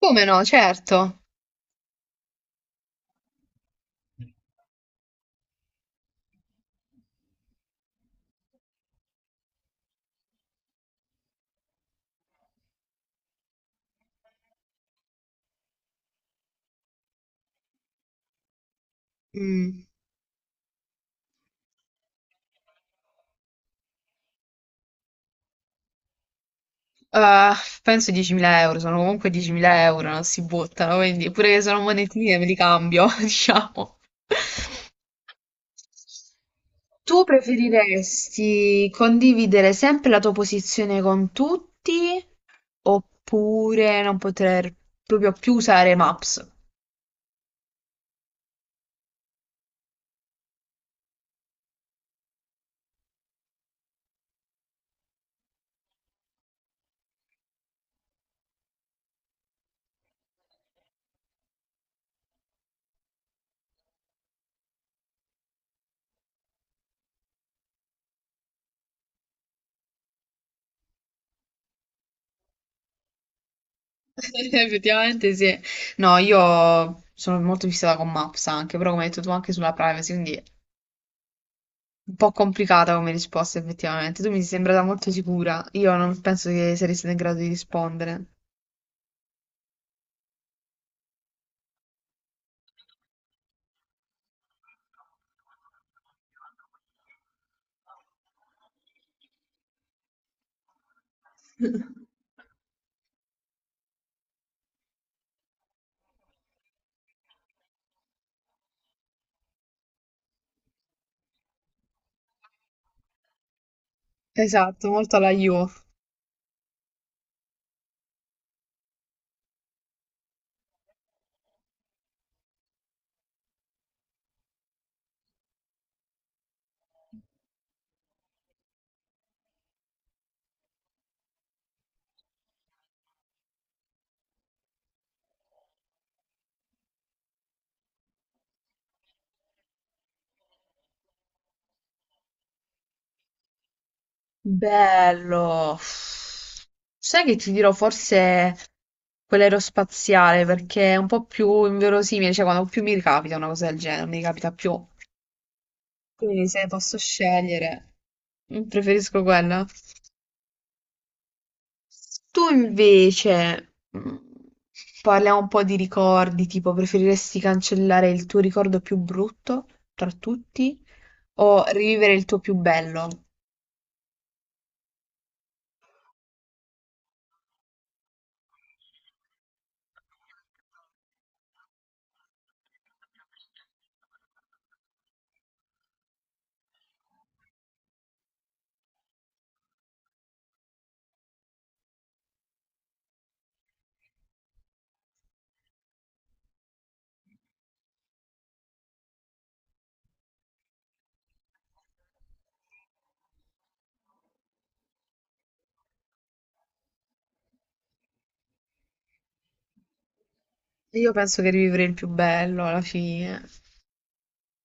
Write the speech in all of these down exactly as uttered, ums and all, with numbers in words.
Come no, certo. Mm. Ah, penso diecimila euro, sono comunque diecimila euro, non si buttano, quindi pure che sono monetine me li cambio, diciamo. Tu preferiresti condividere sempre la tua posizione con tutti oppure non poter proprio più usare Maps? Effettivamente sì. No, io sono molto fissata con Maps anche, però come hai detto tu anche sulla privacy, quindi un po' complicata come risposta, effettivamente. Tu mi sei sembrata molto sicura. Io non penso che saresti in grado di rispondere. Esatto, molto alla io. Bello. Sai che ti dirò forse quell'aerospaziale perché è un po' più inverosimile, cioè quando più mi ricapita una cosa del genere, mi ricapita più. Quindi se posso scegliere, preferisco quella. Tu invece, mm, parliamo un po' di ricordi, tipo preferiresti cancellare il tuo ricordo più brutto tra tutti o rivivere il tuo più bello? Io penso che rivivere il più bello alla fine.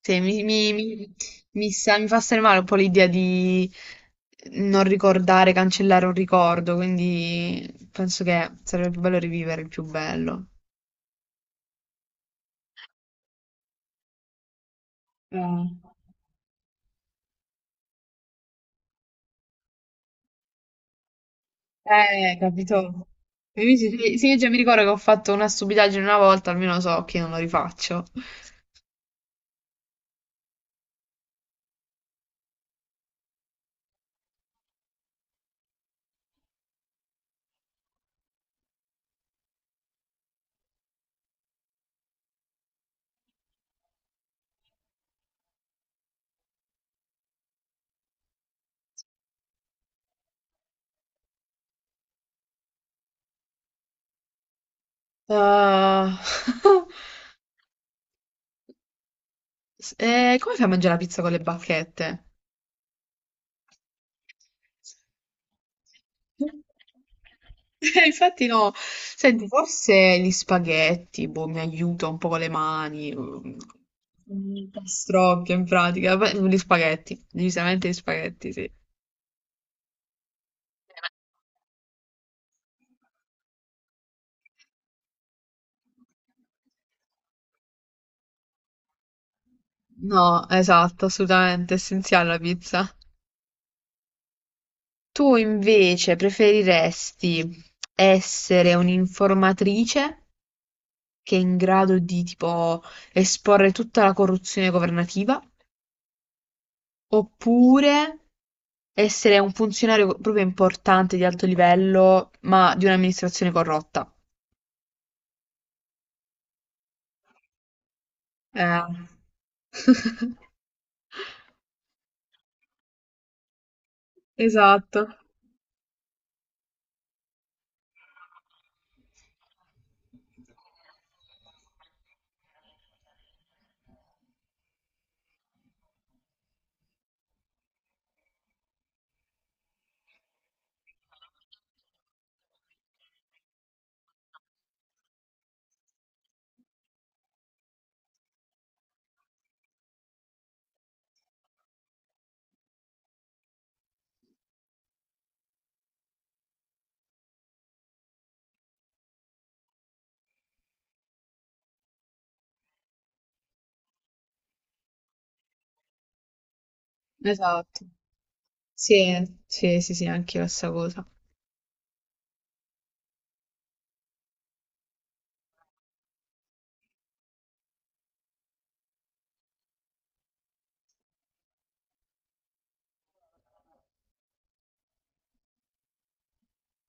Sì, mi, mi- mi- mi sa- mi fa stare male un po' l'idea di non ricordare, cancellare un ricordo, quindi penso che sarebbe più bello rivivere il più bello. Eh. Eh, capito? Mi misi- Sì, sì, già mi ricordo che ho fatto una stupidaggine una volta, almeno so che non lo rifaccio. Ah, s- eh, come fai a mangiare la pizza con le bacchette? Eh, Infatti no, senti, forse gli spaghetti, boh, mi aiuta un po' con le mani, mm, pastrocchio in pratica, beh, gli spaghetti, decisamente gli spaghetti, sì. No, esatto, assolutamente essenziale la pizza. Tu invece preferiresti essere un'informatrice che è in grado di tipo esporre tutta la corruzione governativa, oppure essere un funzionario proprio importante di alto livello, ma di un'amministrazione corrotta? Eh. Esatto, esatto. Sì, sì, sì, sì, anche io la stessa cosa.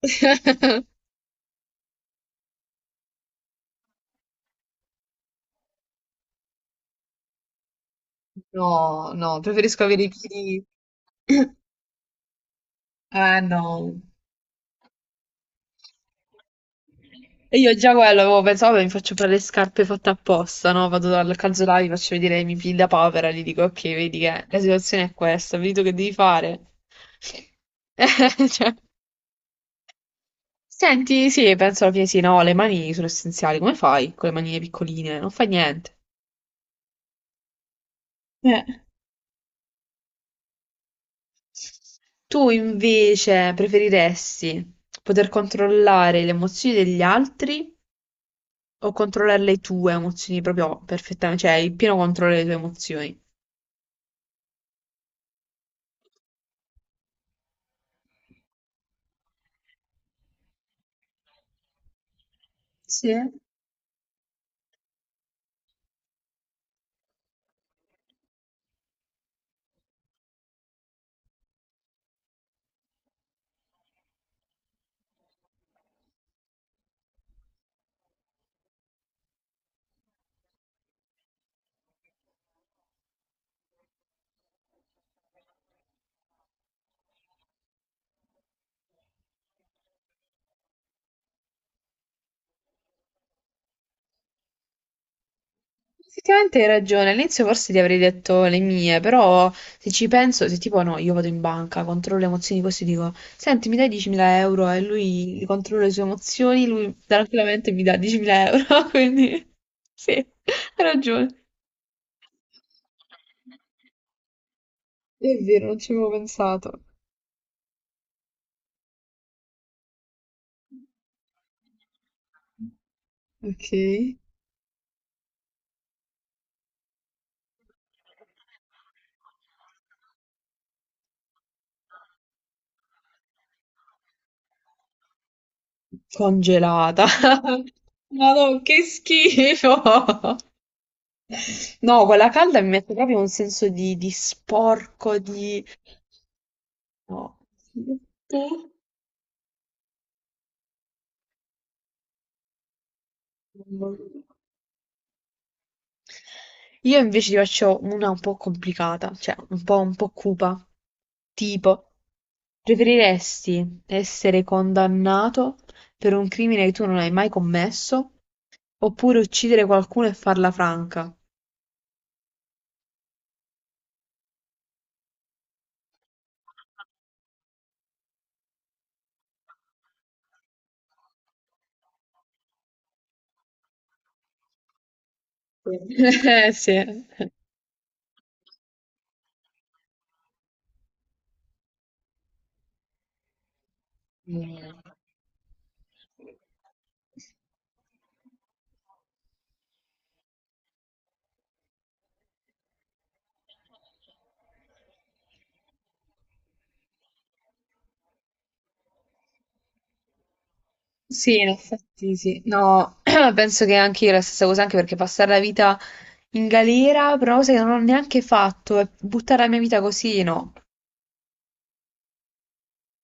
No, no, preferisco avere i piedi. Eh no. E io già quello avevo pensato, "Vabbè, mi faccio fare le scarpe fatte apposta, no? Vado dal calzolaio, vi faccio vedere i miei piedi da povera, gli dico, ok, vedi che la situazione è questa, vedi tu che devi fare. Eh, cioè, senti, sì, penso alla fine sì, no, le mani sono essenziali, come fai con le manine piccoline? Non fai niente. Eh. Tu invece preferiresti poter controllare le emozioni degli altri o controllare le tue emozioni proprio perfettamente, cioè il pieno controllo delle tue emozioni. Sì, effettivamente hai ragione, all'inizio forse ti avrei detto le mie, però se ci penso, se tipo no, io vado in banca, controllo le emozioni così, dico, senti, mi dai diecimila euro e lui li controlla le sue emozioni, lui tranquillamente mi dà diecimila euro, quindi sì, hai ragione. È vero, non ci avevo pensato. Ok. Congelata. Madò, che schifo! No, quella calda mi mette proprio un senso di, di sporco, di... No. Tu? Io invece ti faccio una un po' complicata, cioè un po', un po' cupa. Tipo, preferiresti essere condannato per un crimine che tu non hai mai commesso oppure uccidere qualcuno e farla franca? Eh, sì. Mh. Sì, in effetti sì. No, penso che anche io la stessa cosa, anche perché passare la vita in galera, però una cosa che non ho neanche fatto, e buttare la mia vita così, no.